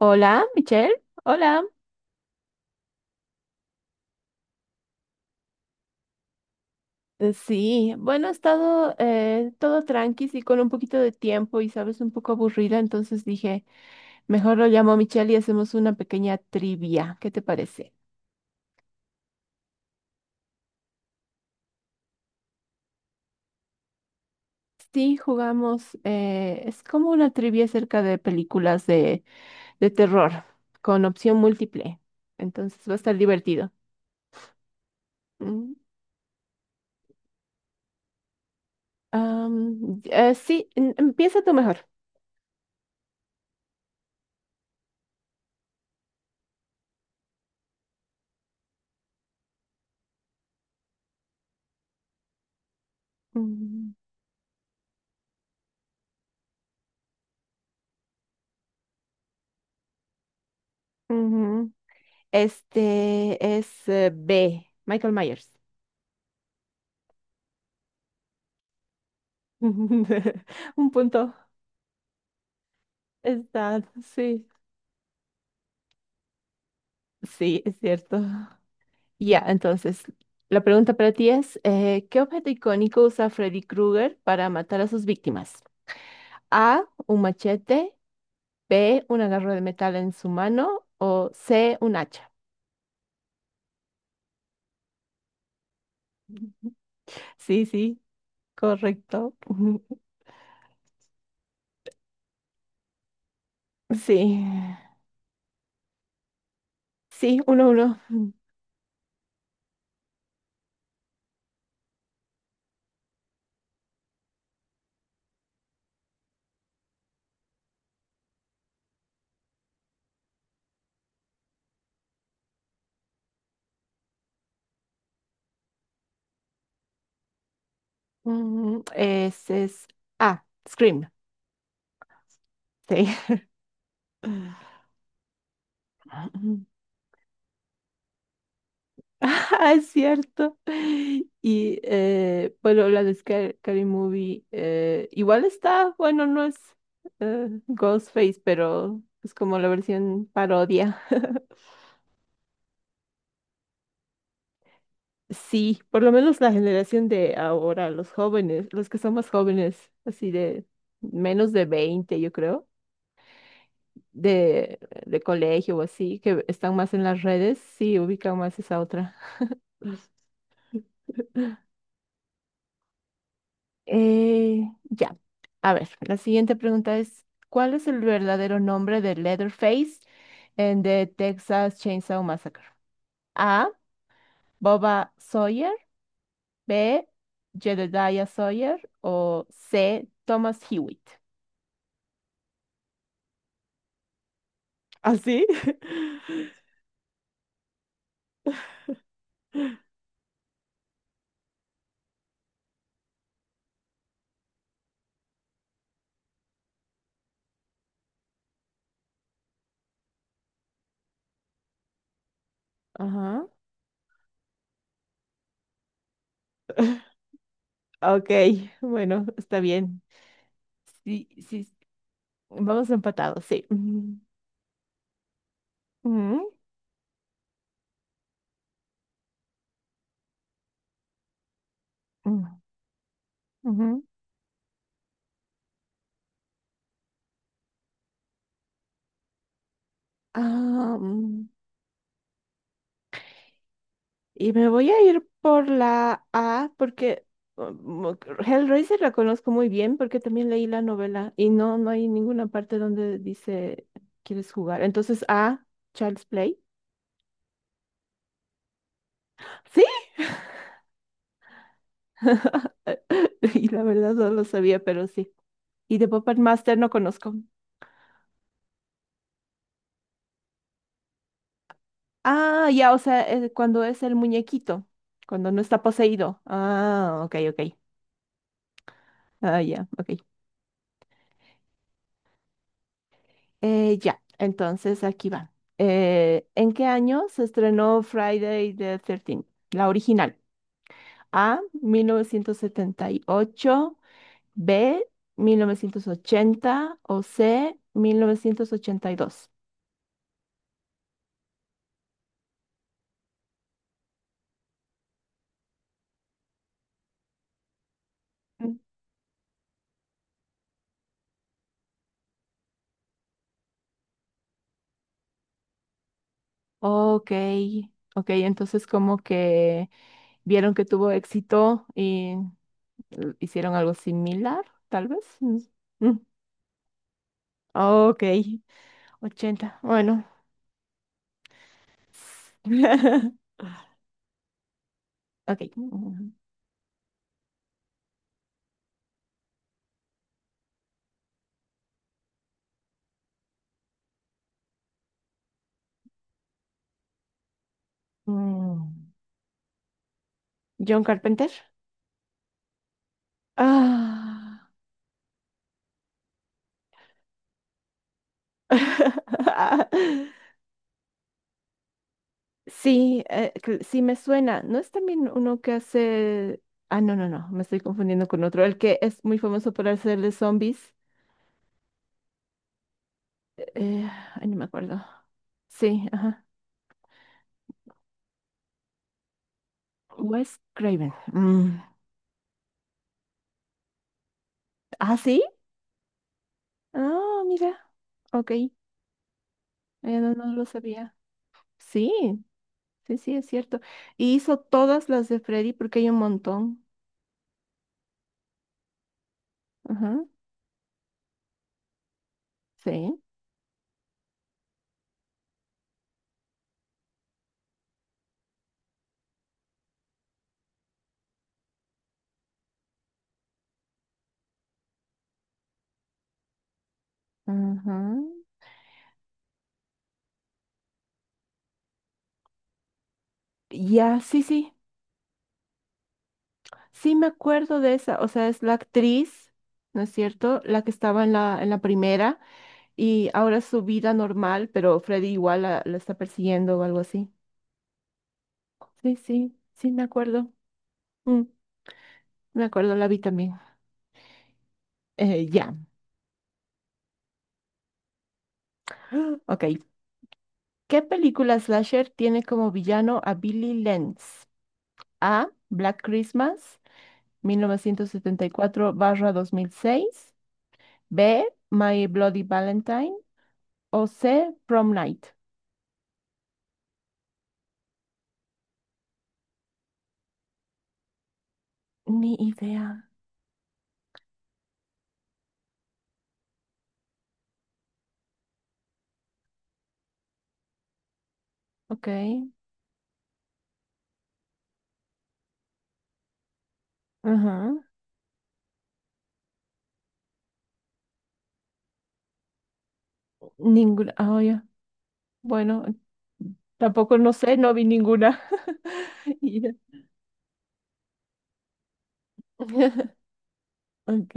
Hola, Michelle. Hola. Sí, bueno, he estado todo tranqui y con un poquito de tiempo y sabes, un poco aburrida, entonces dije, mejor lo llamo a Michelle y hacemos una pequeña trivia. ¿Qué te parece? Sí, jugamos, es como una trivia acerca de películas de terror con opción múltiple, entonces va a estar divertido. Mm, sí, empieza tú mejor. Mm, ujú. Este es B, Michael Myers. Un punto. Está, sí, sí, es cierto. Ya, entonces, la pregunta para ti es, ¿qué objeto icónico usa Freddy Krueger para matar a sus víctimas? A, un machete, B, una garra de metal en su mano o C, un hacha. Sí, sí, correcto. Sí, sí, uno, uno. Ese es A, Scream. Sí. Ah, es cierto. Y bueno, la de Scary Movie igual está, bueno, no es Ghostface, pero es como la versión parodia. Sí, por lo menos la generación de ahora, los jóvenes, los que son más jóvenes, así de menos de 20 yo creo, de, de colegio o así, que están más en las redes, sí, ubican más esa otra. Eh, ya. A ver, la siguiente pregunta es, ¿cuál es el verdadero nombre de Leatherface en The Texas Chainsaw Massacre? A. Boba Sawyer. B. Jedediah Sawyer. O C. Thomas Hewitt. ¿Ah, sí? Ajá. Ok, bueno, está bien. Sí, sí, vamos empatados, sí. Ujú, ujú, ujú. Ah, mm. Y me voy a ir por la A porque um, Hellraiser la conozco muy bien porque también leí la novela y no, no hay ninguna parte donde dice quieres jugar. Entonces A, Child's Play. Sí, y la verdad no lo sabía, pero sí. Y de Puppet Master no conozco. Ah, ya, o sea, cuando es el muñequito, cuando no está poseído. Ah, ok, ok. Ah, ya, ok. Ya, entonces aquí va. ¿En qué año se estrenó Friday the 13th? La original. A, 1978. B, 1980. O C, 1982. Mm. Ok, ok, entonces como que vieron que tuvo éxito y hicieron algo similar, tal vez. Mm, mm. Ok, 80, bueno. Ok. Mm, John Carpenter. Ah. Sí, sí me suena. ¿No es también uno que hace... Ah, no, no, no, me estoy confundiendo con otro. El que es muy famoso por hacer de zombies. Eh, ay, no me acuerdo. Sí, ajá. Wes Craven. Mm, ¿ah, sí? Ah, mira. Ok. No, no lo sabía. Sí, sí, sí, es cierto. Y hizo todas las de Freddy porque hay un montón. Ajá. Sí. Ujú. Ya, sí, sí, sí me acuerdo de esa, o sea, es la actriz, ¿no es cierto? La que estaba en en la primera y ahora es su vida normal, pero Freddy igual la está persiguiendo o algo así. Sí, sí, sí, me acuerdo. Mm, me acuerdo, la vi también. Ya. Ok. ¿Qué película slasher tiene como villano a Billy Lenz? A. Black Christmas, 1974/2006. B. My Bloody Valentine. O C, Prom Night. Ni idea. Ok. Ajá. Ninguna. Ah, ya. Bueno, tampoco no sé, no vi ninguna. Y ya. Ok.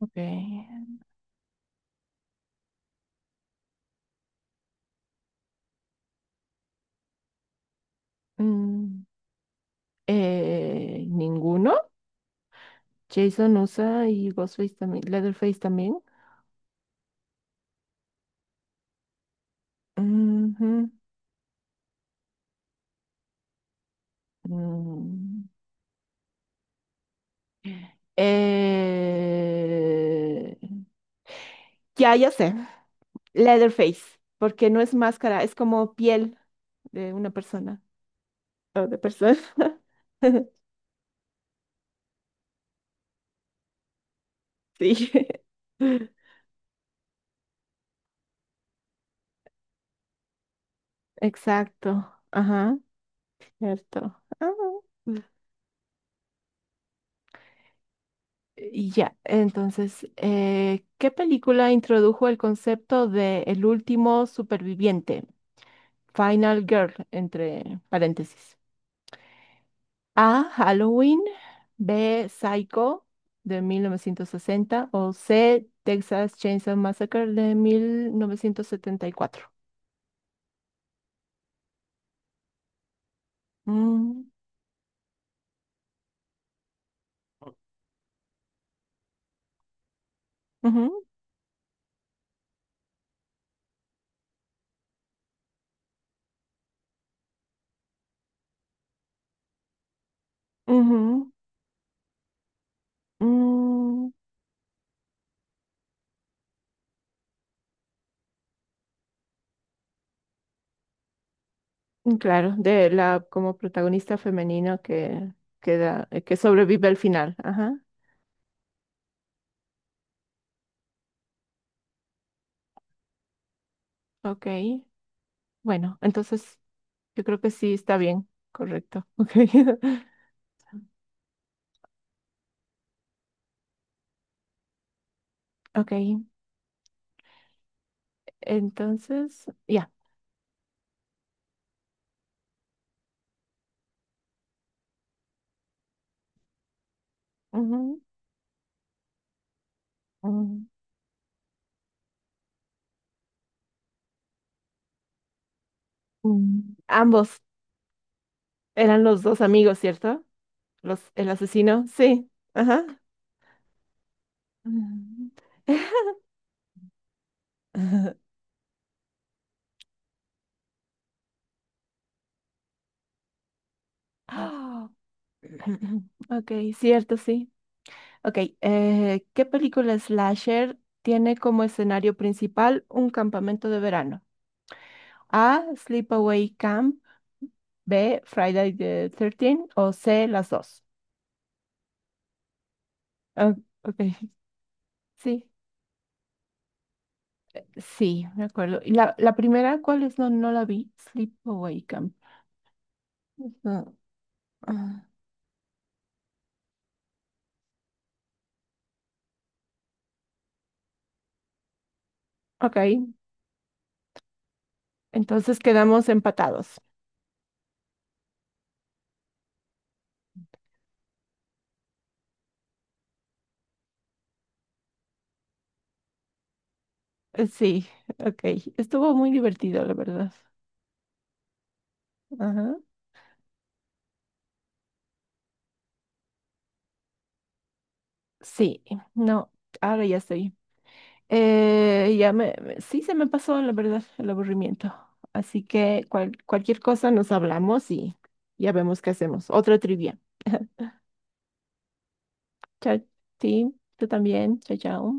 Ok. Mm, ¿Ninguno? Jason usa y Ghostface también. Leatherface también. Ujú. Mm. Eh, ya, ya sé. Leatherface, porque no es máscara, es como piel de una persona. O de persona. Sí, exacto. Ajá, cierto. Ah, mm. Y ya, entonces, ¿qué película introdujo el concepto de el último superviviente? Final Girl, entre paréntesis. A. Halloween. B. Psycho de 1960. O C. Texas Chainsaw Massacre de 1974. Mm, ujú, ujú, mm, Claro, de la como protagonista femenina que queda, que sobrevive al final. Ajá, ok. Bueno, entonces yo creo que sí está bien, correcto. Ok, ok. Entonces, ya. ujú, mm, mm. Ambos eran los dos amigos, ¿cierto? Los, el asesino, sí. Ajá. Mm. Ah, Ok, cierto, sí. Ok, ¿qué película slasher tiene como escenario principal un campamento de verano? A. Sleepaway Camp. B. Friday the Thirteenth o C. Las dos. Ah, ok, sí, sí, me acuerdo. ¿Y la primera cuál es? No, no la vi. Sleepaway Camp. No, ah, ok, entonces quedamos empatados. Sí, ok. Estuvo muy divertido, la verdad. Ajá. Sí, no, ahora ya estoy. Sí se me pasó, la verdad, el aburrimiento. Así que cualquier cosa nos hablamos y ya vemos qué hacemos. Otra trivia. Chao, sí, tú también. Chao, chao.